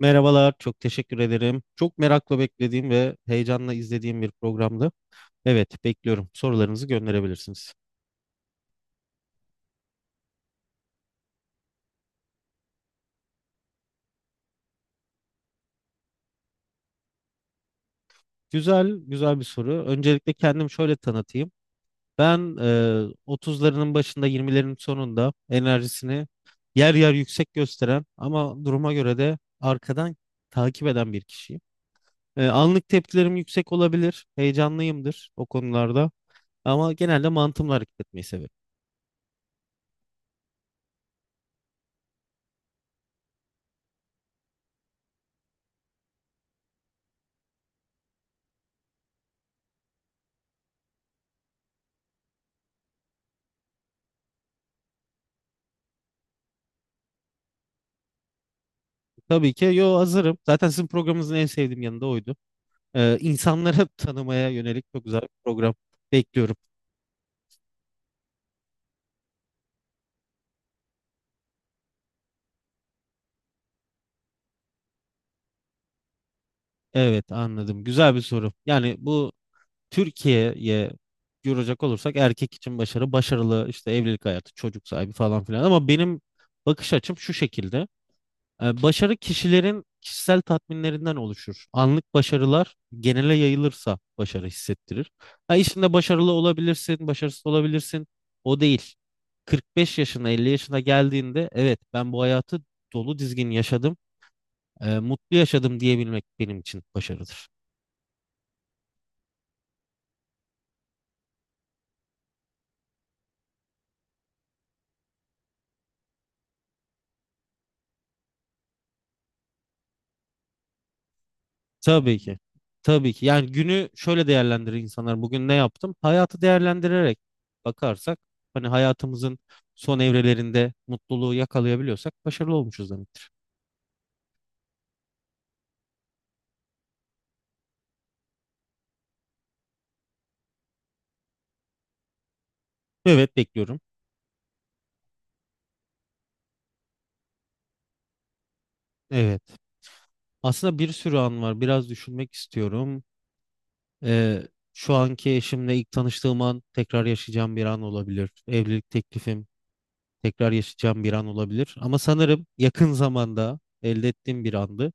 Merhabalar, çok teşekkür ederim. Çok merakla beklediğim ve heyecanla izlediğim bir programdı. Evet, bekliyorum. Sorularınızı gönderebilirsiniz. Güzel, güzel bir soru. Öncelikle kendimi şöyle tanıtayım. Ben 30'larının başında, 20'lerin sonunda enerjisini yer yer yüksek gösteren ama duruma göre de arkadan takip eden bir kişiyim. Anlık tepkilerim yüksek olabilir, heyecanlıyımdır o konularda ama genelde mantığımla hareket etmeyi severim. Tabii ki yo hazırım. Zaten sizin programınızın en sevdiğim yanı da oydu. İnsanları tanımaya yönelik çok güzel bir program bekliyorum. Evet, anladım. Güzel bir soru. Yani bu Türkiye'ye yoracak olursak erkek için başarı, başarılı işte evlilik hayatı, çocuk sahibi falan filan. Ama benim bakış açım şu şekilde. Başarı kişilerin kişisel tatminlerinden oluşur. Anlık başarılar genele yayılırsa başarı hissettirir. Ha, işinde başarılı olabilirsin, başarısız olabilirsin. O değil. 45 yaşına, 50 yaşına geldiğinde evet ben bu hayatı dolu dizgin yaşadım, mutlu yaşadım diyebilmek benim için başarıdır. Tabii ki. Tabii ki. Yani günü şöyle değerlendirir insanlar. Bugün ne yaptım? Hayatı değerlendirerek bakarsak hani hayatımızın son evrelerinde mutluluğu yakalayabiliyorsak başarılı olmuşuz demek. Evet, bekliyorum. Evet. Aslında bir sürü an var. Biraz düşünmek istiyorum. Ee, Şu anki eşimle ilk tanıştığım an tekrar yaşayacağım bir an olabilir. Evlilik teklifim tekrar yaşayacağım bir an olabilir. Ama sanırım yakın zamanda elde ettiğim bir andı.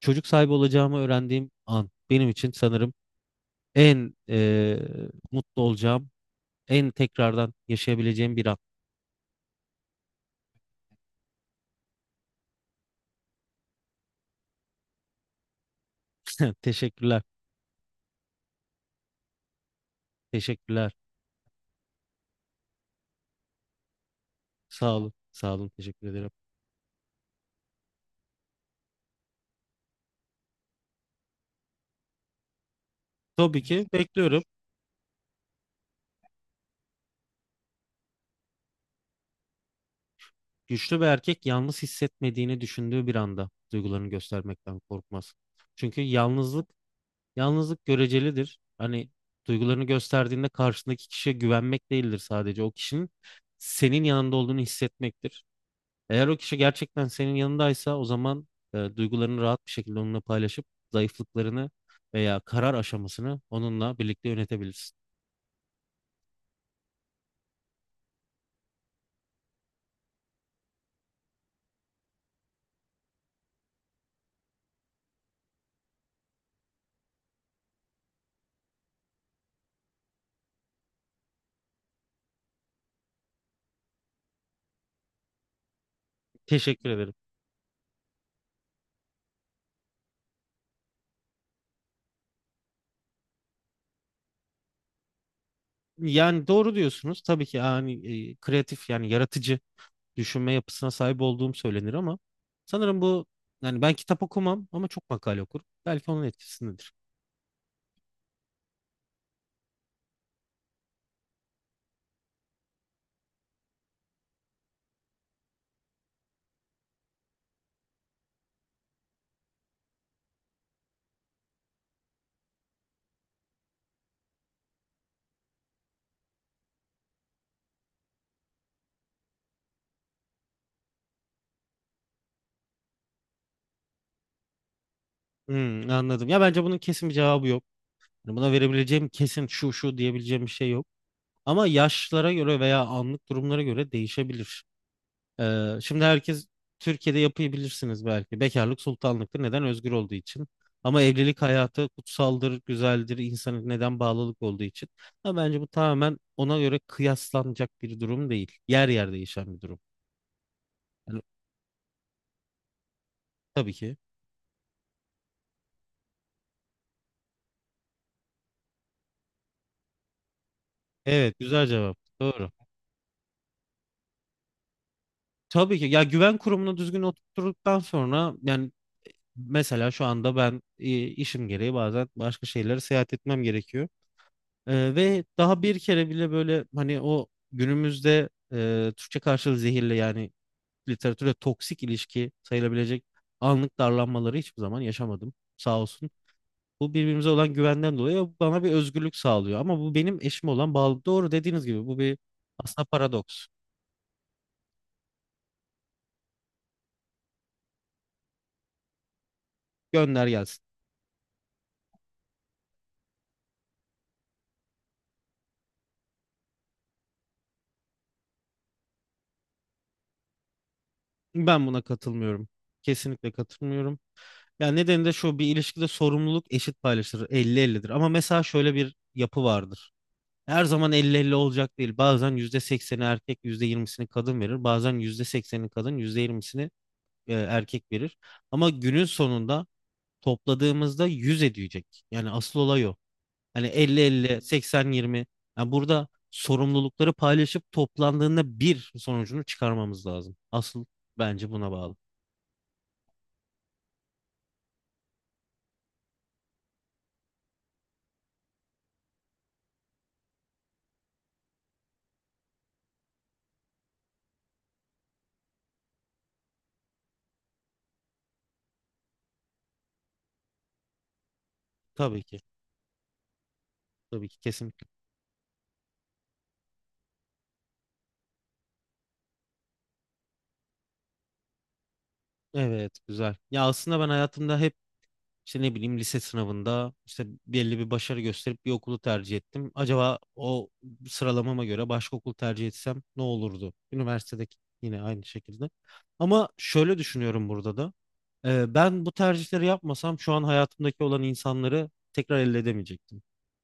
Çocuk sahibi olacağımı öğrendiğim an benim için sanırım en mutlu olacağım, en tekrardan yaşayabileceğim bir an. Teşekkürler, teşekkürler. Sağ olun, sağ olun. Teşekkür ederim. Tabii ki, bekliyorum. Güçlü bir erkek yalnız hissetmediğini düşündüğü bir anda duygularını göstermekten korkmaz. Çünkü yalnızlık, yalnızlık görecelidir. Hani duygularını gösterdiğinde karşısındaki kişiye güvenmek değildir sadece. O kişinin senin yanında olduğunu hissetmektir. Eğer o kişi gerçekten senin yanındaysa o zaman duygularını rahat bir şekilde onunla paylaşıp zayıflıklarını veya karar aşamasını onunla birlikte yönetebilirsin. Teşekkür ederim. Yani doğru diyorsunuz. Tabii ki yani kreatif yani yaratıcı düşünme yapısına sahip olduğum söylenir ama sanırım bu yani ben kitap okumam ama çok makale okurum. Belki onun etkisindedir. Hmm, anladım. Ya bence bunun kesin bir cevabı yok. Yani buna verebileceğim kesin şu şu diyebileceğim bir şey yok. Ama yaşlara göre veya anlık durumlara göre değişebilir. Şimdi herkes Türkiye'de yapıyı bilirsiniz belki. Bekarlık sultanlıktır. Neden? Özgür olduğu için. Ama evlilik hayatı kutsaldır, güzeldir. İnsanın neden bağlılık olduğu için. Ama bence bu tamamen ona göre kıyaslanacak bir durum değil. Yer yer değişen bir durum. Yani, tabii ki. Evet, güzel cevap. Doğru. Tabii ki. Ya güven kurumunu düzgün oturttuktan sonra yani mesela şu anda ben işim gereği bazen başka şeylere seyahat etmem gerekiyor. Ve daha bir kere bile böyle hani o günümüzde Türkçe karşılığı zehirli yani literatüre toksik ilişki sayılabilecek anlık darlanmaları hiçbir zaman yaşamadım, sağ olsun. Bu birbirimize olan güvenden dolayı bana bir özgürlük sağlıyor. Ama bu benim eşime olan bağlı. Doğru dediğiniz gibi bu bir aslında paradoks. Gönder gelsin. Ben buna katılmıyorum. Kesinlikle katılmıyorum. Yani nedeni de şu: bir ilişkide sorumluluk eşit paylaşılır. 50-50'dir. Ama mesela şöyle bir yapı vardır. Her zaman elli elli olacak değil. Bazen %80'i erkek, yüzde yirmisini kadın verir. Bazen %80'i kadın, %20'sini erkek verir. Ama günün sonunda topladığımızda 100 edecek. Yani asıl olay o. Hani elli elli, seksen yirmi. Yani burada sorumlulukları paylaşıp toplandığında bir sonucunu çıkarmamız lazım. Asıl bence buna bağlı. Tabii ki. Tabii ki kesinlikle. Evet, güzel. Ya aslında ben hayatımda hep İşte ne bileyim lise sınavında işte belli bir başarı gösterip bir okulu tercih ettim. Acaba o sıralamama göre başka okul tercih etsem ne olurdu? Üniversitedeki yine aynı şekilde. Ama şöyle düşünüyorum burada da. Ben bu tercihleri yapmasam şu an hayatımdaki olan insanları tekrar elde edemeyecektim.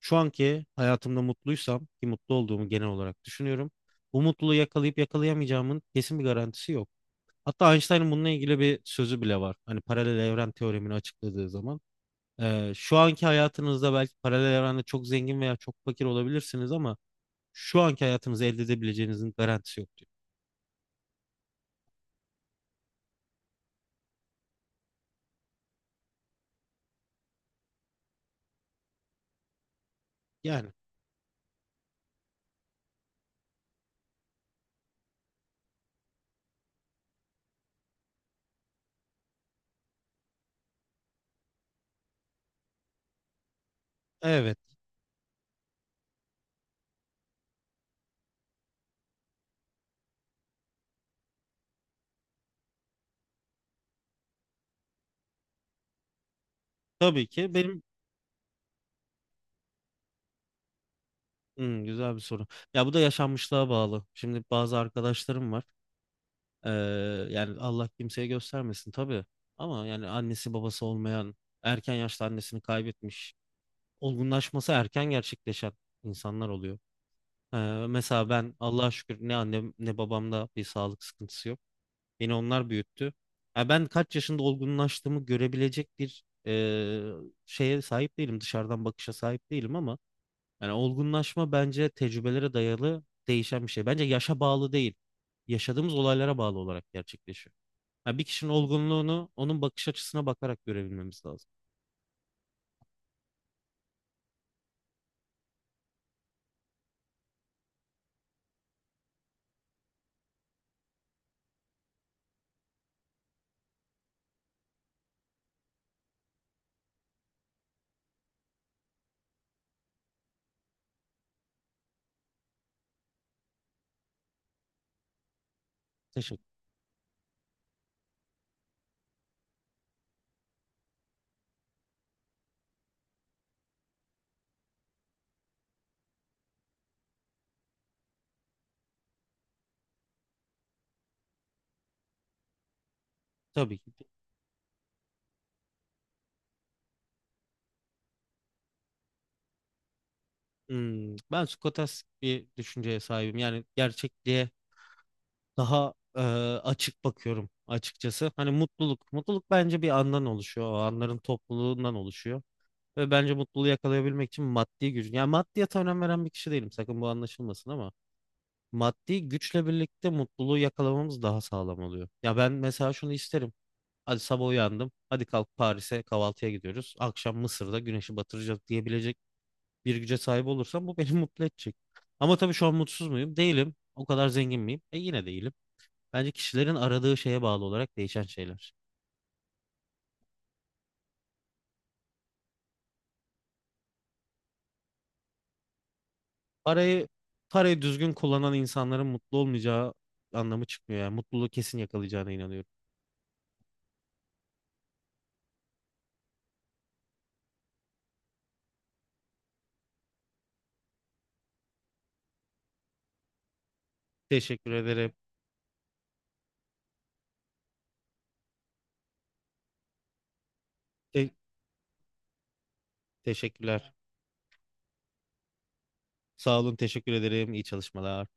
Şu anki hayatımda mutluysam ki mutlu olduğumu genel olarak düşünüyorum. Bu mutluluğu yakalayıp yakalayamayacağımın kesin bir garantisi yok. Hatta Einstein'ın bununla ilgili bir sözü bile var. Hani paralel evren teoremini açıkladığı zaman. Şu anki hayatınızda belki paralel evrende çok zengin veya çok fakir olabilirsiniz ama şu anki hayatınızı elde edebileceğinizin garantisi yok diyor. Yani evet, tabii ki benim. Hmm, güzel bir soru. Ya bu da yaşanmışlığa bağlı. Şimdi bazı arkadaşlarım var. Ee, Yani Allah kimseye göstermesin tabii. Ama yani annesi babası olmayan, erken yaşta annesini kaybetmiş, olgunlaşması erken gerçekleşen insanlar oluyor. Ee, Mesela ben Allah'a şükür ne annem ne babamda bir sağlık sıkıntısı yok. Beni onlar büyüttü. Ha, ben kaç yaşında olgunlaştığımı görebilecek bir şeye sahip değilim. Dışarıdan bakışa sahip değilim ama yani olgunlaşma bence tecrübelere dayalı değişen bir şey. Bence yaşa bağlı değil. Yaşadığımız olaylara bağlı olarak gerçekleşiyor. Ha, bir kişinin olgunluğunu onun bakış açısına bakarak görebilmemiz lazım. Teşekkür. Tabii ki. Hmm, ben Skotastik bir düşünceye sahibim. Yani gerçekliğe daha açık bakıyorum açıkçası. Hani mutluluk, mutluluk bence bir andan oluşuyor. O anların topluluğundan oluşuyor. Ve bence mutluluğu yakalayabilmek için maddi güç. Yani maddiyata önem veren bir kişi değilim. Sakın bu anlaşılmasın ama maddi güçle birlikte mutluluğu yakalamamız daha sağlam oluyor. Ya ben mesela şunu isterim. Hadi sabah uyandım. Hadi kalk Paris'e kahvaltıya gidiyoruz. Akşam Mısır'da güneşi batıracak diyebilecek bir güce sahip olursam bu beni mutlu edecek. Ama tabii şu an mutsuz muyum? Değilim. O kadar zengin miyim? E yine değilim. Bence kişilerin aradığı şeye bağlı olarak değişen şeyler. Parayı parayı düzgün kullanan insanların mutlu olmayacağı anlamı çıkmıyor. Yani mutluluğu kesin yakalayacağına inanıyorum. Teşekkür ederim. Te- Teşekkürler. Sağ olun, teşekkür ederim. İyi çalışmalar.